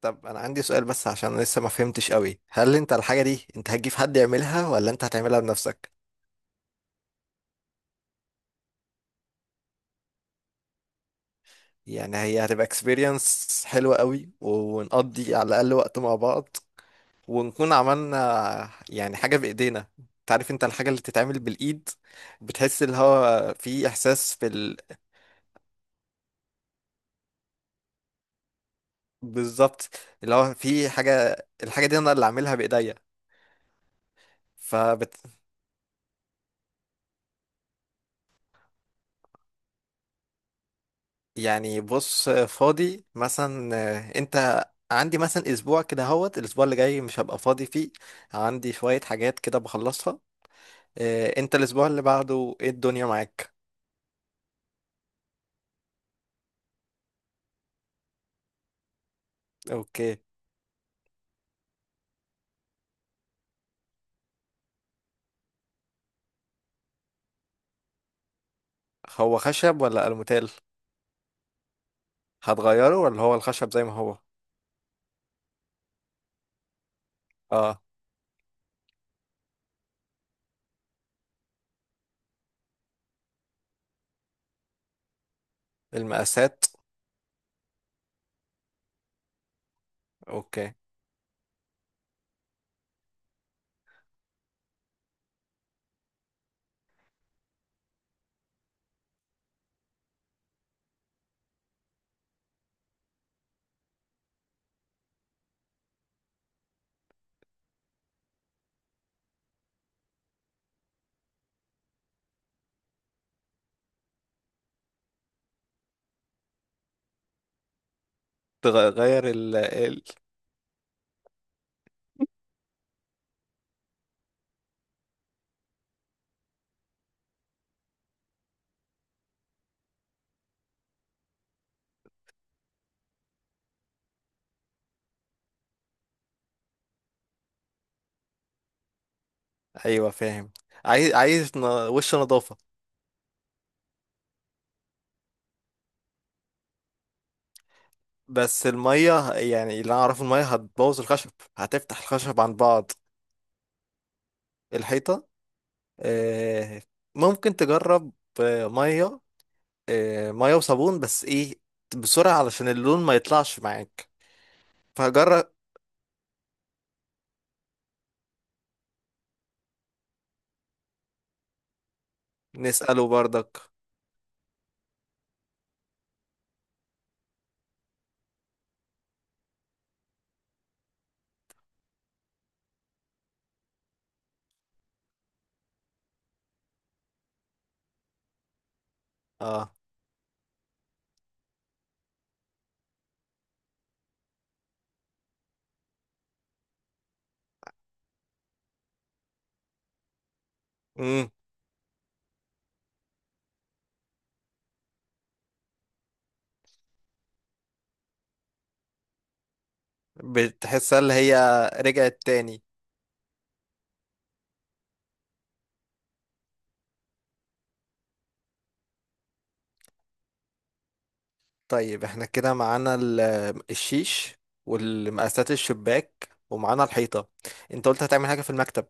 طب انا عندي سؤال، بس عشان أنا لسه ما فهمتش قوي، هل انت الحاجة دي انت هتجيب حد يعملها ولا انت هتعملها بنفسك؟ يعني هي هتبقى اكسبيرينس حلوة قوي، ونقضي على الاقل وقت مع بعض، ونكون عملنا يعني حاجة بايدينا. تعرف انت الحاجة اللي بتتعمل بالايد، بتحس اللي هو في احساس بالظبط. اللي هو في حاجة، الحاجة دي انا اللي عاملها بايديا. فبتحس. يعني بص فاضي مثلا، انت عندي مثلا اسبوع كده، هوت الاسبوع اللي جاي مش هبقى فاضي فيه. عندي شوية حاجات كده بخلصها. انت الاسبوع اللي بعده ايه الدنيا معاك؟ اوكي. هو خشب ولا الموتيل؟ هتغيره ولا هو الخشب زي ما هو؟ اه، المقاسات. اوكي. تغير ايوه، فاهم. عايز وش نظافة. بس المية، يعني اللي انا اعرفه المية هتبوظ الخشب، هتفتح الخشب عن بعض. الحيطة. آه، ممكن تجرب. ميه. ميه وصابون، بس ايه، بسرعة علشان اللون ما يطلعش معاك. فجرب. نسأله برضك. اه. امم بتحسها اللي هي رجعت تاني. طيب، احنا كده معانا الشيش والمقاسات الشباك ومعانا الحيطة. انت قلت هتعمل حاجة في المكتب.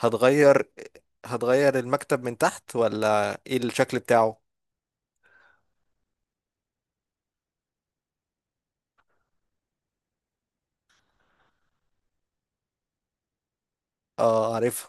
هتغير. هتغير المكتب من تحت ولا ايه الشكل بتاعه؟ اه، عارفها.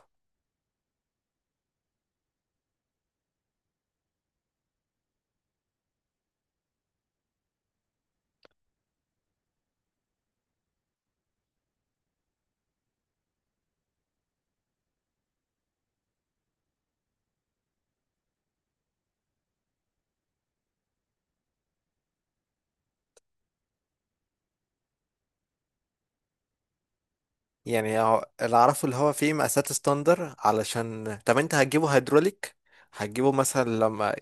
يعني اللي اعرفه اللي هو فيه مقاسات ستاندر، علشان طب انت هتجيبه هيدروليك؟ هتجيبه مثلا لما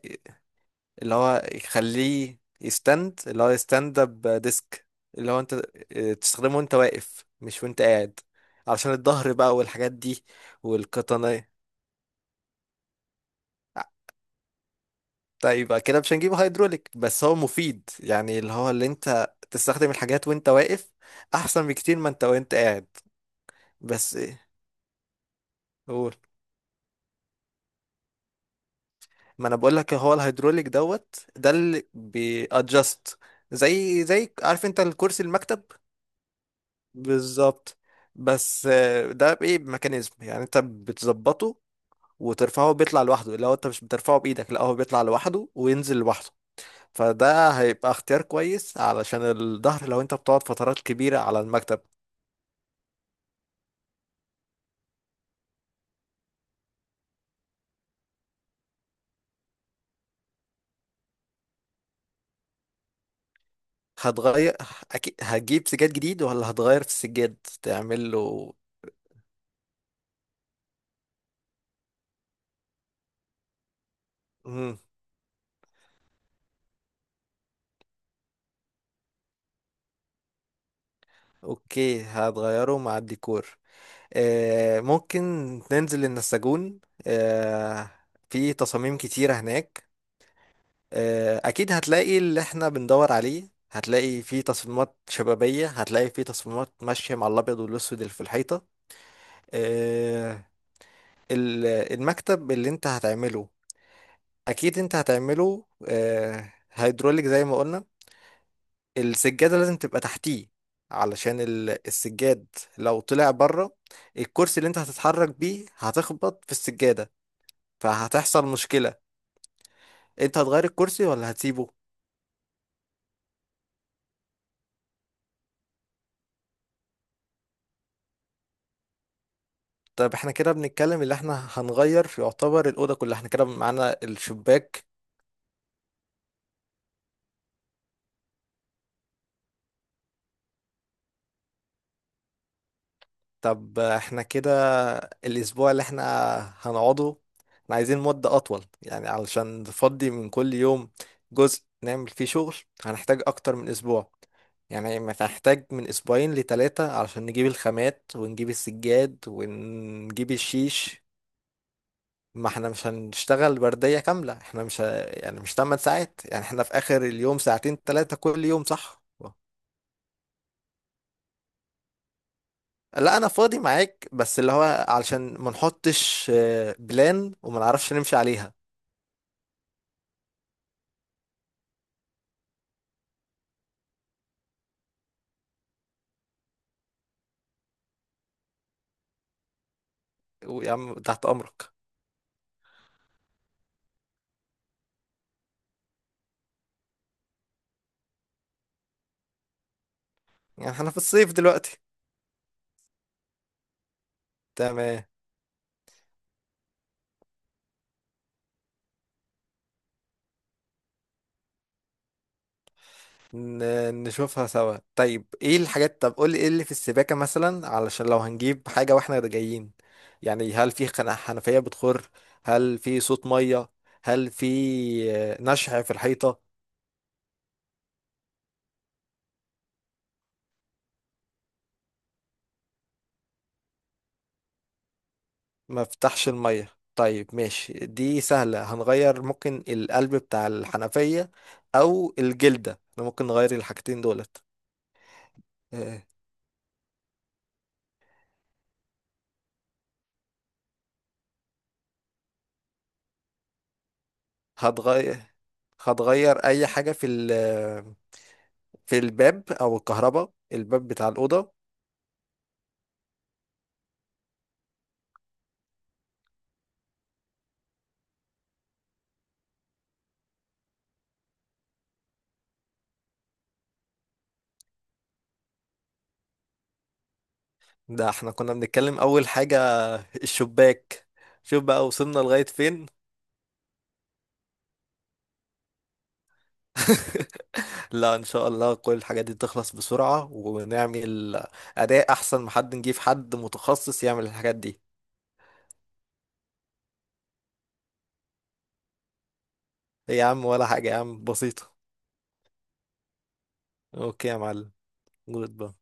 اللي هو يخليه يستند، اللي هو يستند اب ديسك. اللي هو انت اه، تستخدمه وانت واقف مش وانت قاعد، علشان الظهر بقى والحاجات دي. والقطنية. طيب، يبقى كده مش هنجيبه هيدروليك، بس هو مفيد يعني اللي هو اللي انت تستخدم الحاجات وانت واقف، احسن بكتير ما انت وانت قاعد. بس ايه؟ قول. ما انا بقول لك هو الهيدروليك دوت ده اللي بيادجست، زي عارف انت الكرسي المكتب. بالظبط. بس، ده بايه ميكانيزم يعني انت بتظبطه وترفعه، بيطلع لوحده، لو انت مش بترفعه بايدك لا، هو بيطلع لوحده وينزل لوحده. فده هيبقى اختيار كويس علشان الظهر، لو انت بتقعد فترات كبيرة على المكتب. هتغير؟ اكيد هتجيب سجاد جديد، ولا هتغير في السجاد تعمل له؟ مم. اوكي، هتغيره مع الديكور. ممكن ننزل النساجون. آه، في تصاميم كتيرة هناك. أكيد هتلاقي اللي احنا بندور عليه، هتلاقي في تصميمات شبابية، هتلاقي في تصميمات ماشية مع الأبيض والأسود اللي في الحيطة. آه، المكتب اللي انت هتعمله أكيد انت هتعمله هيدروليك زي ما قلنا. السجادة لازم تبقى تحتيه، علشان السجاد لو طلع بره، الكرسي اللي انت هتتحرك بيه هتخبط في السجادة. فهتحصل مشكلة. انت هتغير الكرسي ولا هتسيبه؟ طب احنا كده بنتكلم اللي احنا هنغير في، يعتبر الأوضة كلها. احنا كده معانا الشباك. طب احنا كده الأسبوع اللي احنا هنقعده، احنا عايزين مدة أطول يعني علشان نفضي من كل يوم جزء نعمل فيه شغل. هنحتاج أكتر من أسبوع، يعني ما هنحتاج من أسبوعين لتلاتة، علشان نجيب الخامات ونجيب السجاد ونجيب الشيش. ما احنا مش هنشتغل وردية كاملة، احنا مش يعني مش 8 ساعات، يعني احنا في اخر اليوم ساعتين ثلاثة كل يوم، صح؟ لا انا فاضي معاك، بس اللي هو علشان ما نحطش بلان وما نعرفش نمشي عليها. يا عم، تحت امرك. يعني احنا في الصيف دلوقتي. تمام. نشوفها سوا. طيب ايه الحاجات؟ طب قول لي ايه اللي في السباكة مثلا، علشان لو هنجيب حاجة واحنا جايين. يعني هل في حنفية بتخر؟ هل في صوت مية؟ هل في نشع في الحيطة؟ ما فتحش المية. طيب ماشي، دي سهلة، هنغير ممكن القلب بتاع الحنفية او الجلدة، احنا ممكن نغير الحاجتين دولت. آه، هتغير. هتغير اي حاجة في الباب او الكهرباء، الباب بتاع الأوضة؟ ده احنا كنا بنتكلم اول حاجة الشباك، شوف بقى وصلنا لغاية فين. لا، ان شاء الله كل الحاجات دي تخلص بسرعة ونعمل اداء احسن، ما حد نجيب حد متخصص يعمل الحاجات دي. إيه يا عم، ولا حاجة يا عم، بسيطة. اوكي يا معلم. جود بقى.